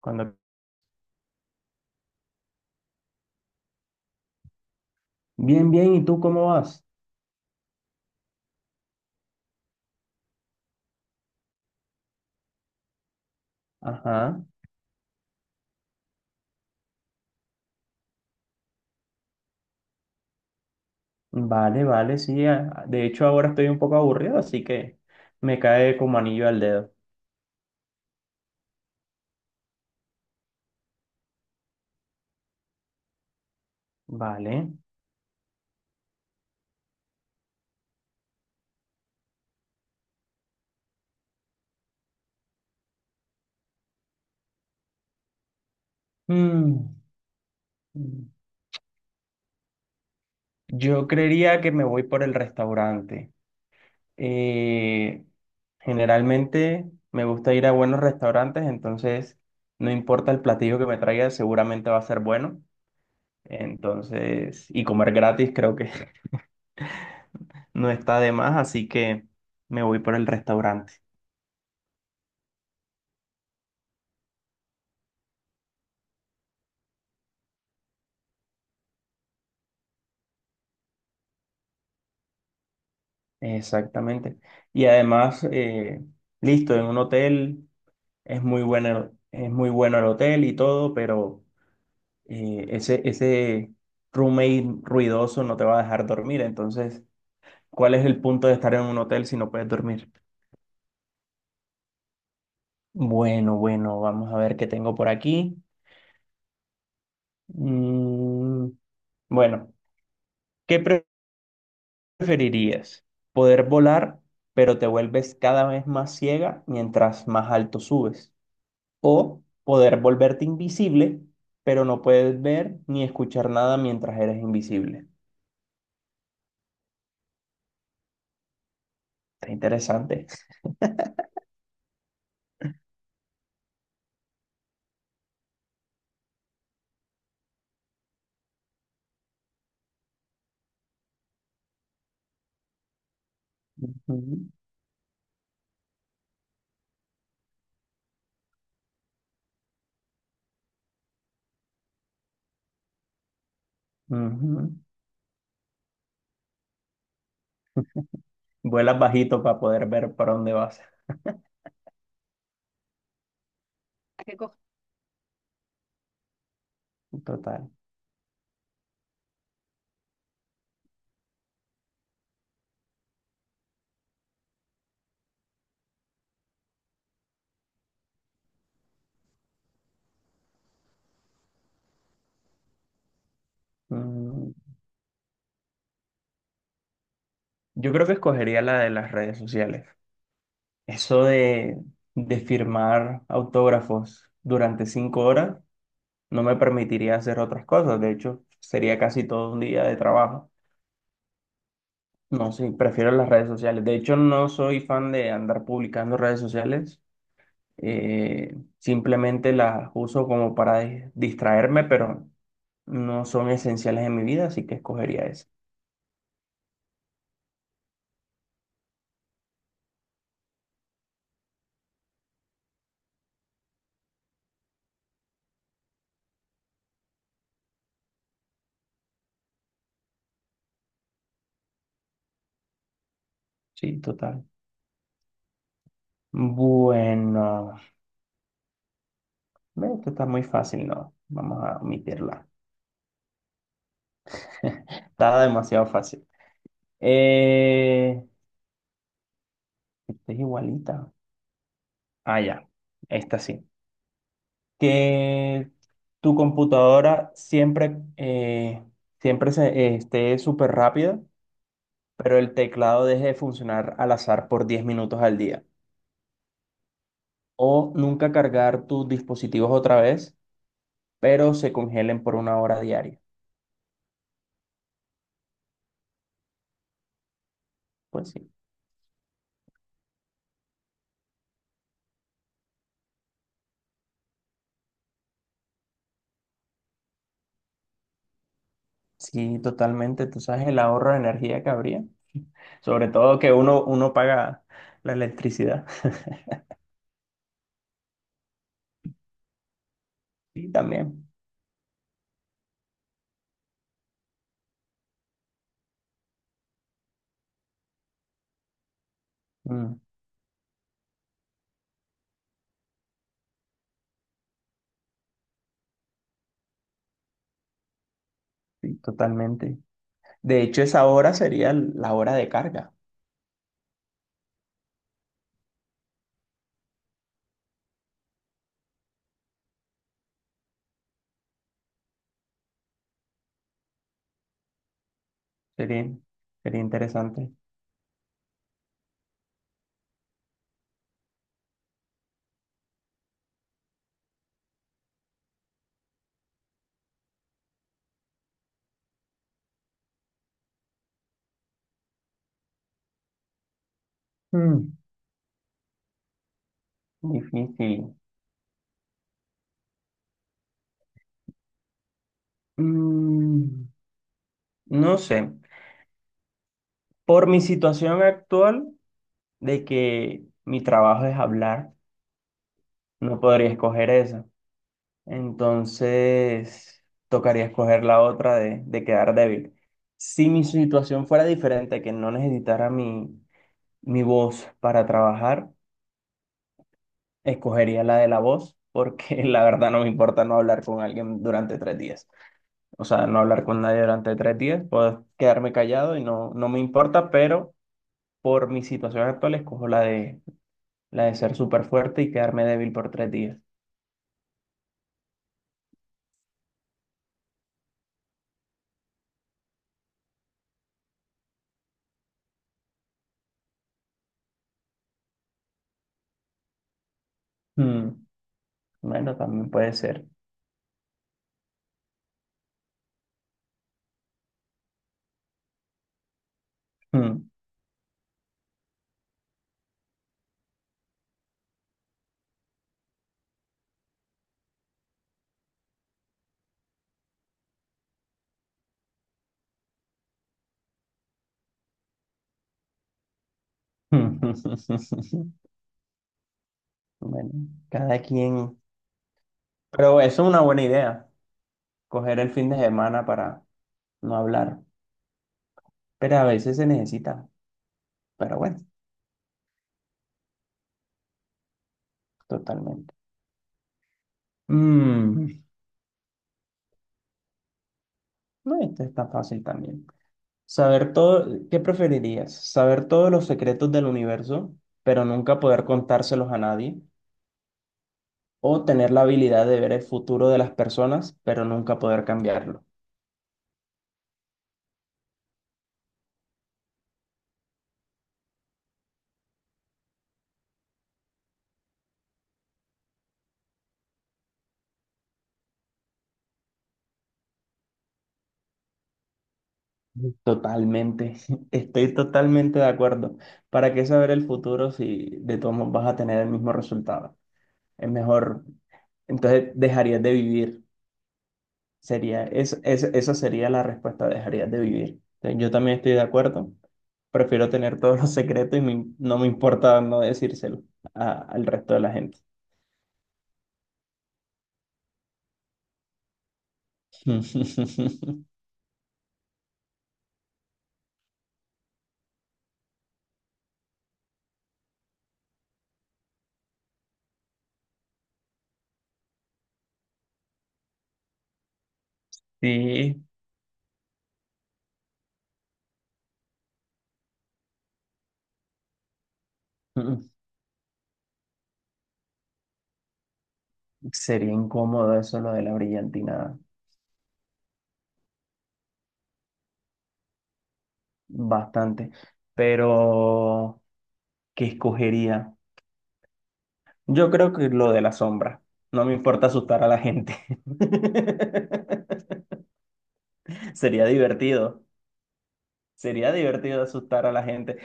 Cuando... Bien, bien, ¿y tú cómo vas? Ajá, vale, vale, sí. De hecho, ahora estoy un poco aburrido, así que me cae como anillo al dedo. Vale. Mm, Yo creería que me voy por el restaurante. Eh, Generalmente me gusta ir a buenos restaurantes, entonces no importa el platillo que me traiga, seguramente va a ser bueno. Entonces, y comer gratis creo que no está de más, así que me voy por el restaurante. Exactamente. Y además, listo, en un hotel es muy bueno el hotel y todo, pero ese roommate ruidoso no te va a dejar dormir. Entonces, ¿cuál es el punto de estar en un hotel si no puedes dormir? Bueno, bueno, vamos a ver qué tengo por aquí. Mm, bueno, ¿qué pre- preferirías ¿poder volar, pero te vuelves cada vez más ciega mientras más alto subes? ¿O poder volverte invisible, pero no puedes ver ni escuchar nada mientras eres invisible? Está interesante. Ujú, ujú. Vuelas bajito para poder ver para dónde vas. ¿Qué co- Total. Mm, Yo creo que escogería la de las redes sociales. Eso de firmar autógrafos durante 5 horas no me permitiría hacer otras cosas. De hecho, sería casi todo un día de trabajo. No, sí, prefiero las redes sociales. De hecho, no soy fan de andar publicando redes sociales. Simplemente las uso como para distraerme, pero no son esenciales en mi vida, así que escogería eso. Sí, total. Bueno, ve, esto está muy fácil, ¿no? Vamos a omitirla. Está demasiado fácil. Eh, Esta es igualita. Ah, ya. Esta sí. Que tu computadora siempre, siempre esté súper rápida, pero el teclado deje de funcionar al azar por 10 minutos al día. O nunca cargar tus dispositivos otra vez, pero se congelen por 1 hora diaria. Pues sí, sí, totalmente. Tú sabes el ahorro de energía que habría. Sobre todo que uno paga la electricidad. Sí, también. Mm, sí, totalmente. De hecho, esa hora sería la hora de carga. Sería, sería interesante. Mm, Difícil. Mm, no sé. Por mi situación actual, de que mi trabajo es hablar, no podría escoger esa. Entonces, tocaría escoger la otra de quedar débil. Si mi situación fuera diferente, que no necesitara mi voz para trabajar, escogería la de la voz, porque la verdad no me importa no hablar con alguien durante 3 días. O sea, no hablar con nadie durante 3 días, puedo quedarme callado y no, no me importa, pero por mi situación actual escojo la de ser súper fuerte y quedarme débil por 3 días. Mm, Bueno, también puede ser. Mm. Bueno, cada quien. Pero eso es una buena idea, coger el fin de semana para no hablar. Pero a veces se necesita. Pero bueno, totalmente. Mm, No, esto está fácil también. Saber todo, ¿qué preferirías? ¿Saber todos los secretos del universo, pero nunca poder contárselos a nadie? ¿O tener la habilidad de ver el futuro de las personas, pero nunca poder cambiarlo? Totalmente, estoy totalmente de acuerdo. ¿Para qué saber el futuro si de todos modos vas a tener el mismo resultado? Es mejor, entonces dejarías de vivir. Sería, esa sería la respuesta, dejarías de vivir. Entonces, yo también estoy de acuerdo. Prefiero tener todos los secretos y no me importa no decírselo al resto de la gente. Sí, mm, sería incómodo eso lo de la brillantina, bastante. Pero, ¿qué escogería? Yo creo que lo de la sombra. No me importa asustar a la gente. Sería divertido. Sería divertido asustar a la gente.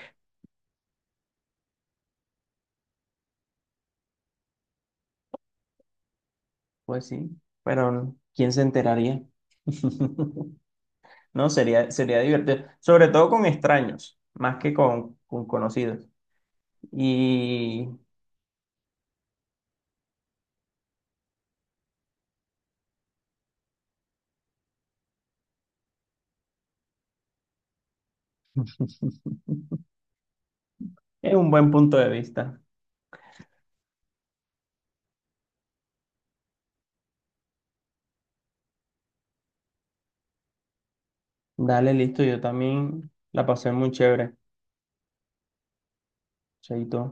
Pues sí, pero ¿quién se enteraría? No, sería divertido. Sobre todo con extraños, más que con conocidos. Y es un buen punto de vista. Dale, listo. Yo también la pasé muy chévere. Chaito.